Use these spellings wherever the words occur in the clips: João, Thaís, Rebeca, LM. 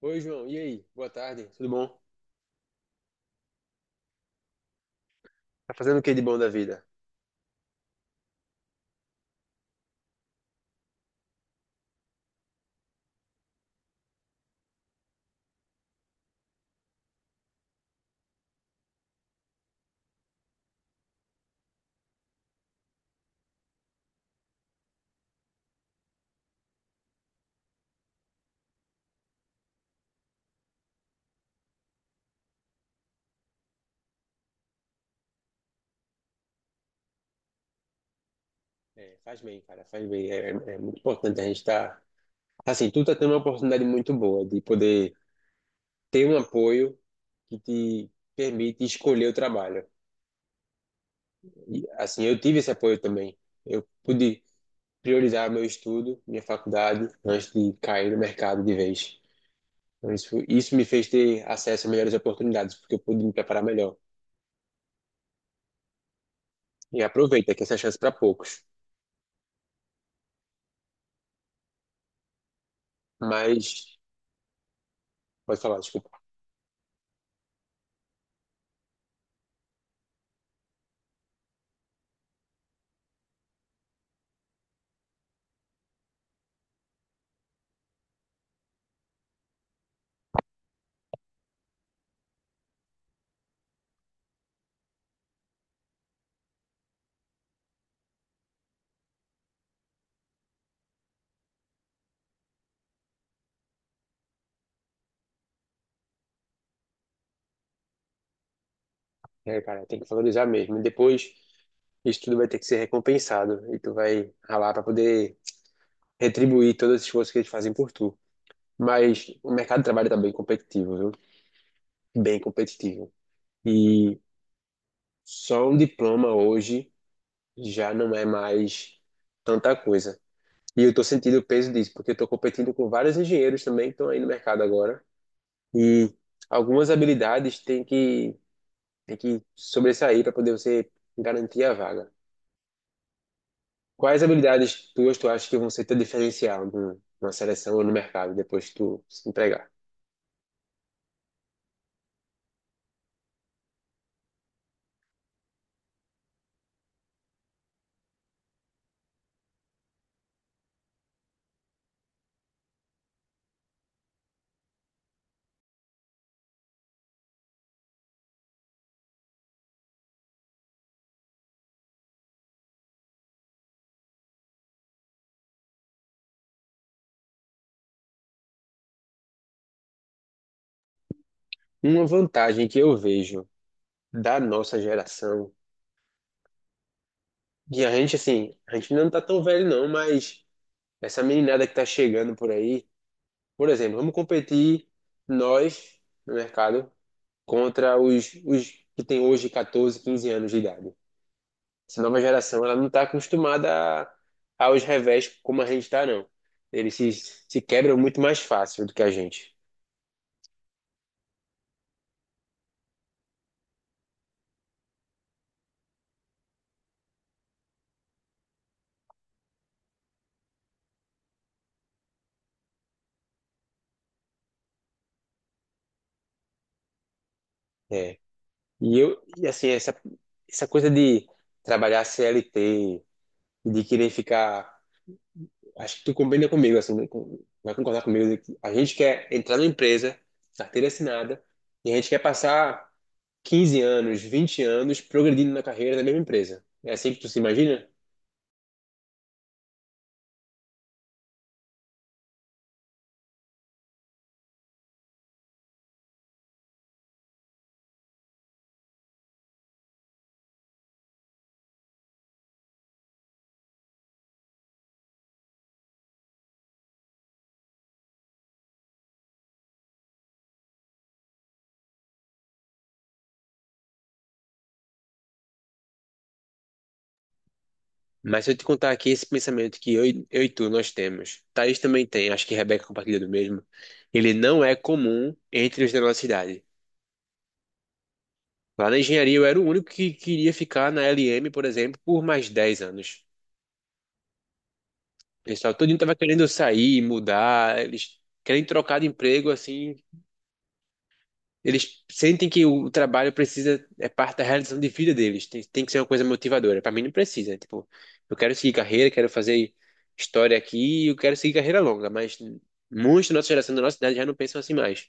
Oi, João. E aí? Boa tarde. Tudo bom? Tá fazendo o que de bom da vida? É, faz bem, cara. Faz bem. É muito importante a gente estar. Assim, tu tá tendo uma oportunidade muito boa de poder ter um apoio que te permite escolher o trabalho. E, assim, eu tive esse apoio também. Eu pude priorizar meu estudo, minha faculdade, antes de cair no mercado de vez. Então, isso me fez ter acesso a melhores oportunidades, porque eu pude me preparar melhor. E aproveita que essa é a chance para poucos. Mas, pode falar, desculpa. É, cara, tem que valorizar mesmo. E depois isso tudo vai ter que ser recompensado e tu vai ralar para poder retribuir todo esse esforço que eles fazem por tu. Mas o mercado de trabalho tá bem competitivo, viu? Bem competitivo. E só um diploma hoje já não é mais tanta coisa. E eu tô sentindo o peso disso, porque eu tô competindo com vários engenheiros também que estão aí no mercado agora. E algumas habilidades têm que sobressair para poder você garantir a vaga. Quais habilidades tuas tu acha que vão ser teu diferencial na seleção ou no mercado depois que tu se empregar? Uma vantagem que eu vejo da nossa geração, que a gente, assim, a gente não tá tão velho não, mas essa meninada que tá chegando por aí, por exemplo, vamos competir nós no mercado contra os que têm hoje 14, 15 anos de idade. Essa nova geração, ela não tá acostumada a- aos revés como a gente tá, não. Eles se quebram muito mais fácil do que a gente. É. E assim, essa coisa de trabalhar CLT e de querer ficar. Acho que tu combina comigo, assim, né? Vai concordar comigo. De que a gente quer entrar numa empresa, carteira assinada, e a gente quer passar 15 anos, 20 anos progredindo na carreira da mesma empresa. É assim que tu se imagina? Mas se eu te contar aqui esse pensamento que eu e tu nós temos, Thaís também tem, acho que Rebeca compartilha do mesmo, ele não é comum entre os da nossa idade. Lá na engenharia eu era o único que queria ficar na LM, por exemplo, por mais 10 anos. O pessoal todo estava querendo sair, mudar, eles querem trocar de emprego, assim. Eles sentem que o é parte da realização de vida deles. Tem que ser uma coisa motivadora. Para mim não precisa. Tipo, eu quero seguir carreira, quero fazer história aqui, eu quero seguir carreira longa, mas muitos da nossa geração, da nossa idade, já não pensam assim mais.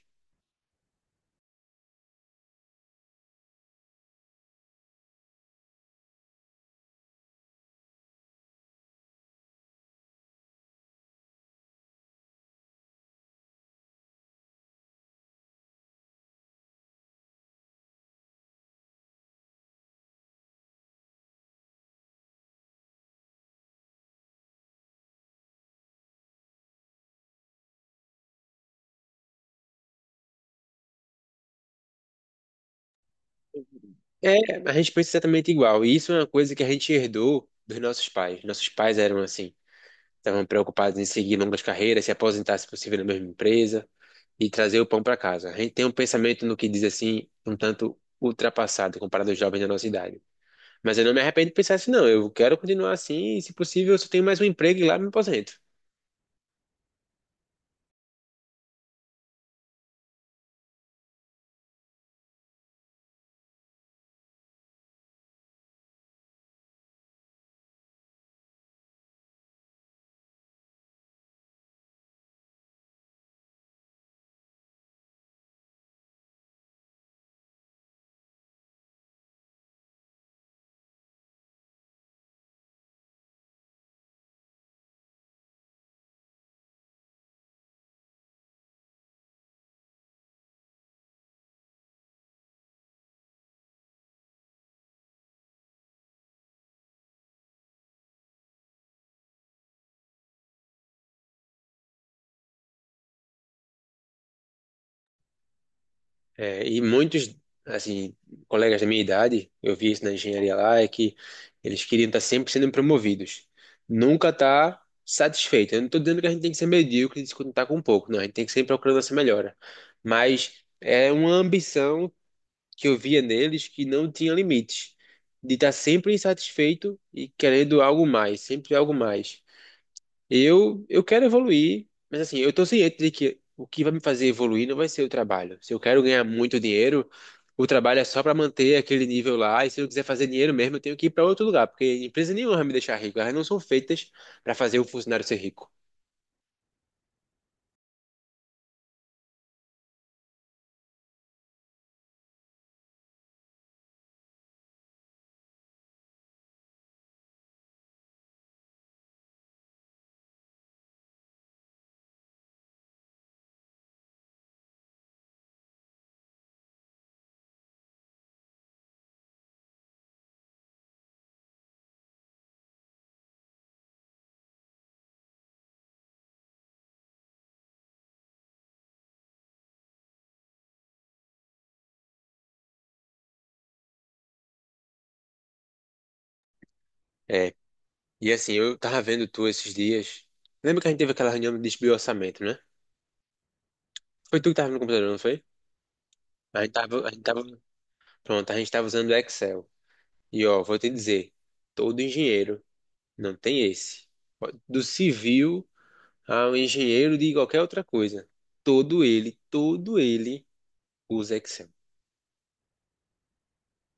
É, a gente pensa exatamente igual. E isso é uma coisa que a gente herdou dos nossos pais. Nossos pais eram assim. Estavam preocupados em seguir longas carreiras, se aposentar, se possível, na mesma empresa e trazer o pão para casa. A gente tem um pensamento no que diz assim, um tanto ultrapassado comparado aos jovens da nossa idade. Mas eu não me arrependo de pensar assim, não. Eu quero continuar assim e, se possível, eu só tenho mais um emprego e lá eu me aposento. É, e muitos, assim, colegas da minha idade, eu vi isso na engenharia lá, é que eles queriam estar sempre sendo promovidos. Nunca estar satisfeito. Eu não estou dizendo que a gente tem que ser medíocre e se contentar com pouco, não. A gente tem que sempre procurar essa melhora. Mas é uma ambição que eu via neles que não tinha limites. De estar sempre insatisfeito e querendo algo mais, sempre algo mais. Eu quero evoluir, mas assim, eu tô ciente de que o que vai me fazer evoluir não vai ser o trabalho. Se eu quero ganhar muito dinheiro, o trabalho é só para manter aquele nível lá, e se eu quiser fazer dinheiro mesmo, eu tenho que ir para outro lugar, porque empresa nenhuma vai me deixar rico, elas não são feitas para fazer o funcionário ser rico. É, e assim, eu tava vendo tu esses dias. Lembra que a gente teve aquela reunião de desvio orçamento, né? Foi tu que tava no computador, não foi? A gente tava, a gente tava, pronto, a gente tava usando o Excel. E ó, vou te dizer, todo engenheiro não tem esse, do civil ao engenheiro de qualquer outra coisa. Todo ele usa Excel.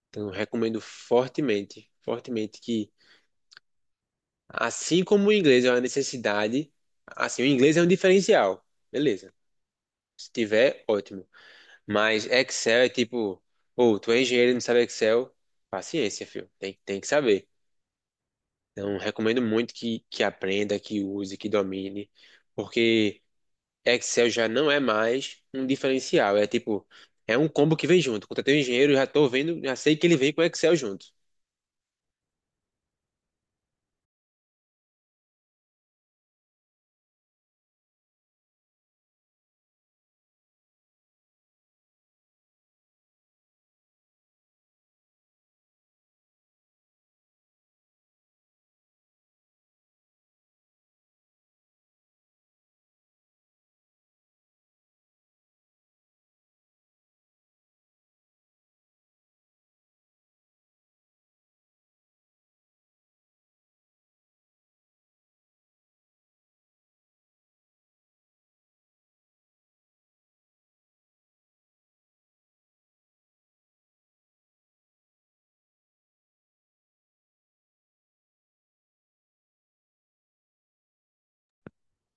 Então, eu recomendo fortemente, fortemente que, assim como o inglês é uma necessidade, assim, o inglês é um diferencial. Beleza. Se tiver, ótimo. Mas Excel é tipo, ou tu é engenheiro e não sabe Excel, paciência, filho. Tem que saber. Então, recomendo muito que aprenda, que use, que domine, porque. Excel já não é mais um diferencial. É tipo, é um combo que vem junto. Contratei um engenheiro, já tô vendo, já sei que ele vem com Excel junto.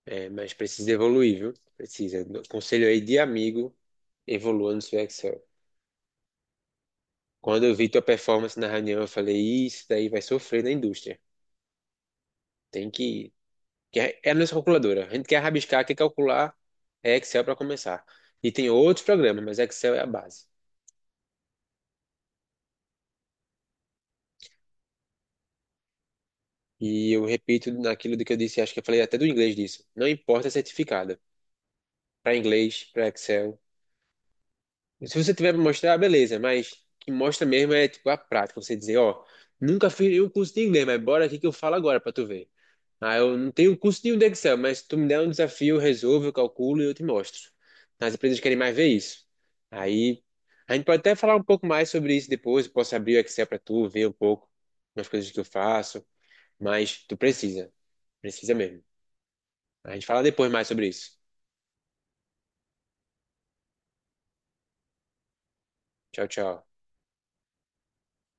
É, mas precisa evoluir, viu? Precisa. Conselho aí de amigo, evolua no seu Excel. Quando eu vi tua performance na reunião, eu falei, isso daí vai sofrer na indústria. Tem que... é é a nossa calculadora. A gente quer rabiscar, quer calcular, é Excel para começar. E tem outros programas, mas Excel é a base. E eu repito naquilo do que eu disse, acho que eu falei até do inglês disso. Não importa certificado. Para inglês, para Excel. Se você tiver para mostrar, beleza, mas o que mostra mesmo é tipo a prática, você dizer, ó, nunca fiz nenhum curso de inglês, mas bora aqui que eu falo agora para tu ver. Ah, eu não tenho curso nenhum de Excel, mas tu me der um desafio, eu resolvo, eu calculo e eu te mostro. As empresas querem mais ver isso. Aí a gente pode até falar um pouco mais sobre isso depois, eu posso abrir o Excel para tu ver um pouco as coisas que eu faço, mas tu precisa, precisa mesmo. A gente fala depois mais sobre isso. Tchau, tchau.